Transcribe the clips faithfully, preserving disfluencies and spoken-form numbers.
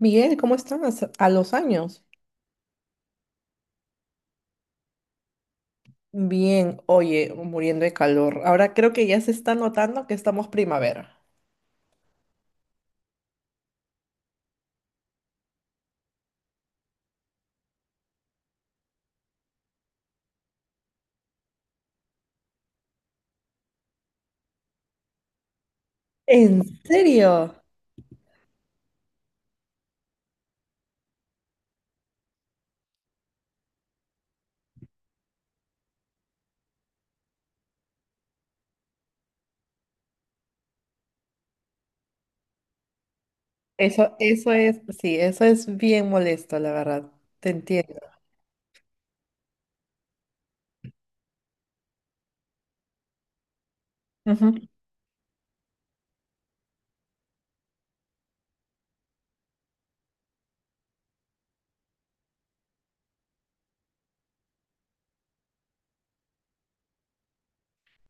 Miguel, ¿cómo estás? A los años. Bien, oye, muriendo de calor. Ahora creo que ya se está notando que estamos primavera. ¿En serio? Eso, eso es, sí, eso es bien molesto, la verdad. Te entiendo.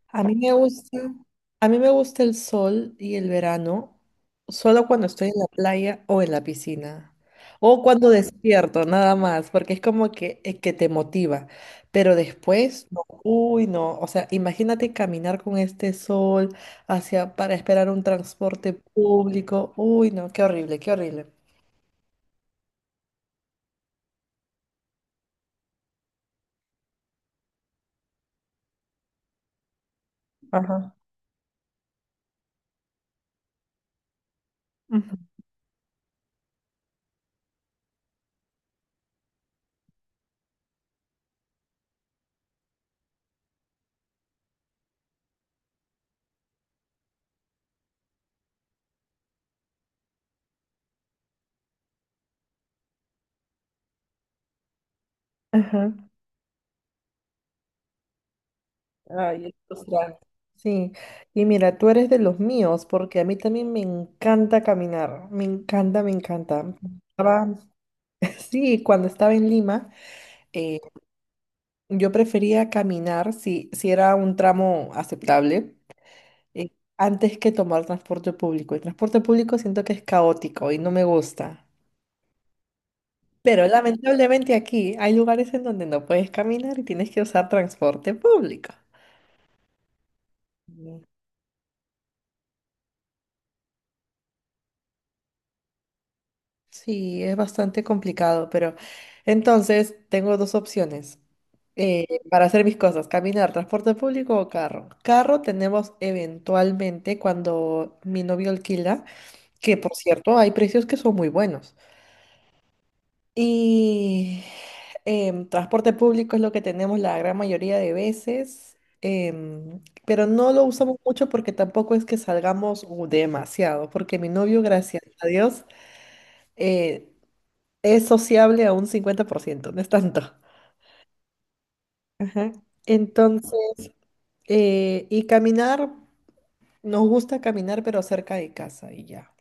A mí me gusta, a mí me gusta el sol y el verano solo cuando estoy en la playa o en la piscina. O cuando despierto, nada más, porque es como que, eh, que te motiva. Pero después, no, uy, no. O sea, imagínate caminar con este sol hacia, para esperar un transporte público. Uy, no, qué horrible, qué horrible. Ajá, ujú, ajá. Ay, es frustrante. Sí, y mira, tú eres de los míos, porque a mí también me encanta caminar, me encanta, me encanta. Estaba- sí, cuando estaba en Lima, eh, yo prefería caminar si, si era un tramo aceptable, eh, antes que tomar transporte público. El transporte público siento que es caótico y no me gusta. Pero lamentablemente aquí hay lugares en donde no puedes caminar y tienes que usar transporte público. Sí, es bastante complicado, pero entonces tengo dos opciones eh, para hacer mis cosas, caminar, transporte público o carro. Carro tenemos eventualmente cuando mi novio alquila, que por cierto hay precios que son muy buenos. Y em, transporte público es lo que tenemos la gran mayoría de veces, em, pero no lo usamos mucho porque tampoco es que salgamos uh, demasiado, porque mi novio, gracias a Dios, eh, es sociable a un cincuenta por ciento, no es tanto. Ajá. Entonces, eh, y caminar, nos gusta caminar, pero cerca de casa y ya.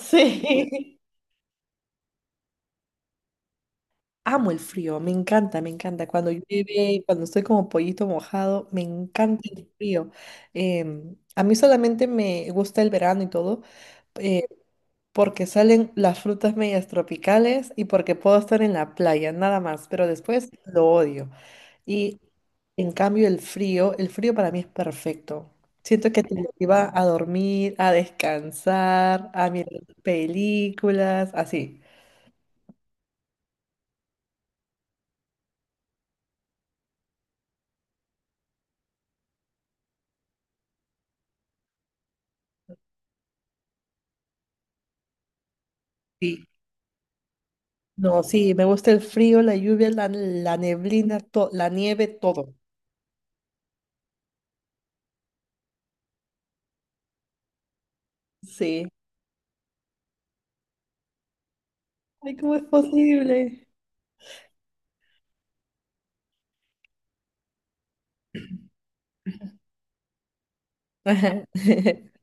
Sí. Amo el frío, me encanta, me encanta. Cuando llueve, cuando estoy como pollito mojado, me encanta el frío. Em, a mí solamente me gusta el verano y todo, eh, porque salen las frutas medias tropicales y porque puedo estar en la playa, nada más, pero después lo odio. Y en cambio el frío, el frío para mí es perfecto. Siento que te lleva a dormir, a descansar, a mirar películas, así. Sí. No, sí, me gusta el frío, la lluvia, la, la neblina, to- la nieve, todo. Sí. Ay, ¿cómo es posible? Ajá.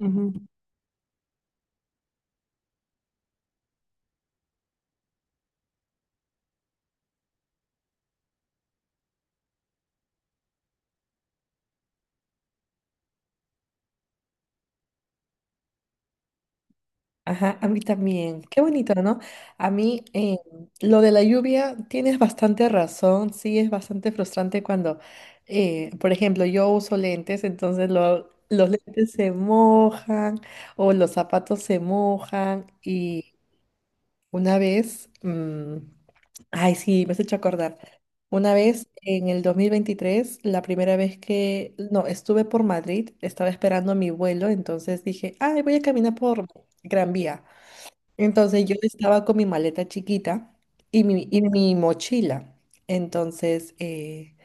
Ujú. Ajá, a mí también. Qué bonito, ¿no? A mí eh, lo de la lluvia, tienes bastante razón, sí, es bastante frustrante cuando, eh, por ejemplo, yo uso lentes, entonces lo- los lentes se mojan o los zapatos se mojan y una vez, mm, ay, sí, me has hecho acordar, una vez en el dos mil veintitrés, la primera vez que, no, estuve por Madrid, estaba esperando mi vuelo, entonces dije, ay, voy a caminar por Gran Vía. Entonces yo estaba con mi maleta chiquita y mi, y mi mochila. Entonces, eh,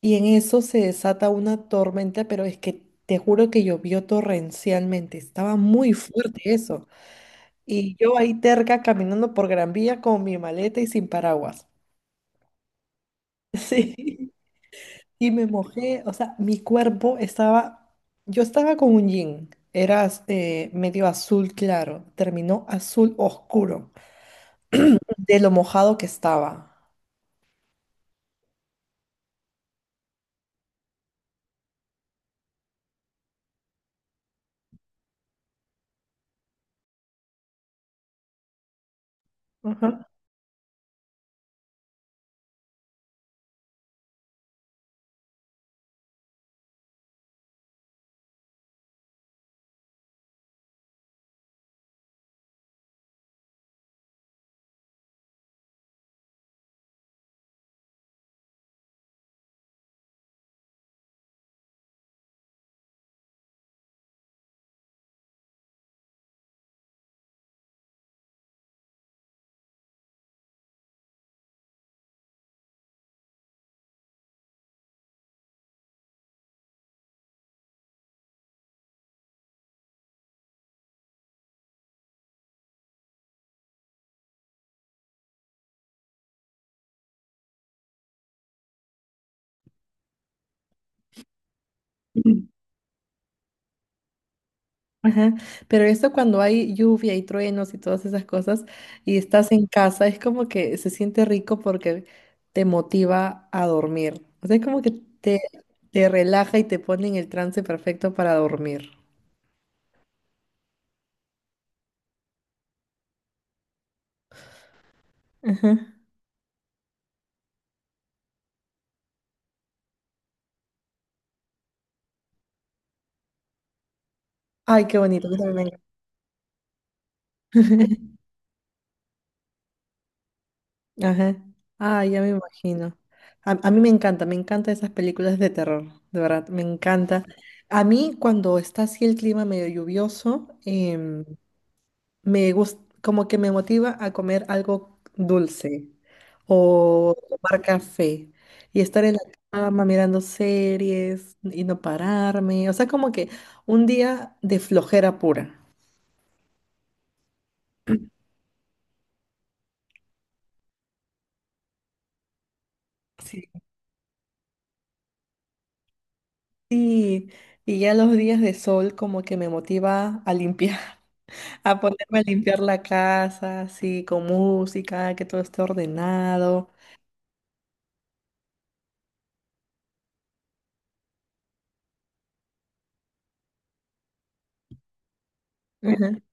y en eso se desata una tormenta, pero es que te juro que llovió torrencialmente. Estaba muy fuerte eso. Y yo ahí terca caminando por Gran Vía con mi maleta y sin paraguas. Sí. Y me mojé, o sea, mi cuerpo estaba, yo estaba con un jean, era az- eh, medio azul claro, terminó azul oscuro de lo mojado que estaba. Ajá. Mm. Ajá. Pero esto cuando hay lluvia y truenos y todas esas cosas y estás en casa, es como que se siente rico porque te motiva a dormir. O sea, es como que te, te relaja y te pone en el trance perfecto para dormir. Ajá. Ay, qué bonito, yo también me encanta. Ajá. Ay, ya me imagino. A, a mí me encanta, me encantan esas películas de terror, de verdad, me encanta. A mí cuando está así el clima medio lluvioso, em, me gusta, como que me motiva a comer algo dulce o tomar café y estar en la cama mirando series y no pararme. O sea, como que un día de flojera pura. Sí. Sí, y ya los días de sol como que me motiva a limpiar, a ponerme a limpiar la casa, así, con música, que todo esté ordenado.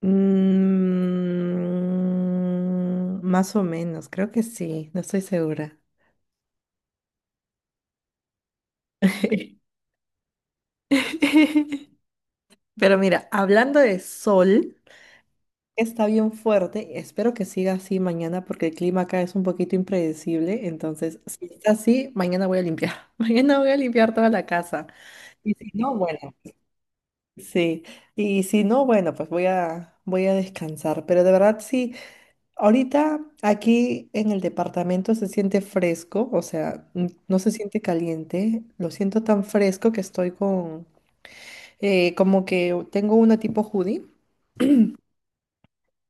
Mm, más o menos, creo que sí, no estoy segura. Pero mira, hablando de sol, está bien fuerte. Espero que siga así mañana porque el clima acá es un poquito impredecible. Entonces, si está así, mañana voy a limpiar. Mañana voy a limpiar toda la casa. Y si no, bueno, sí. Y si no, bueno, pues voy a, voy a descansar. Pero de verdad, sí. Ahorita aquí en el departamento se siente fresco, o sea, n- no se siente caliente. Lo siento tan fresco que estoy con, eh, como que tengo una tipo hoodie,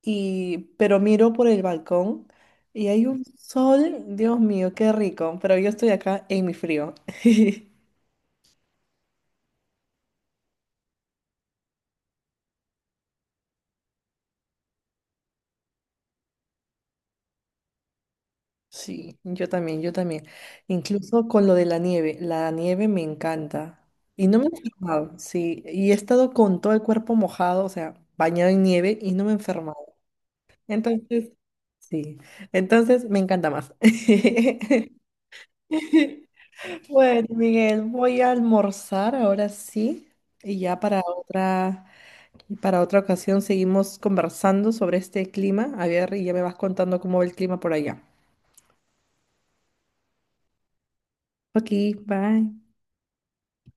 y, pero miro por el balcón y hay un sol, Dios mío, qué rico, pero yo estoy acá en mi frío. Sí, yo también, yo también. Incluso con lo de la nieve, la nieve me encanta. Y no me he enfermado, sí. Y he estado con todo el cuerpo mojado, o sea, bañado en nieve y no me he enfermado. Entonces, sí. Entonces me encanta más. Bueno, Miguel, voy a almorzar ahora sí. Y ya para otra, para otra ocasión seguimos conversando sobre este clima. A ver, y ya me vas contando cómo va el clima por allá. Ok, bye.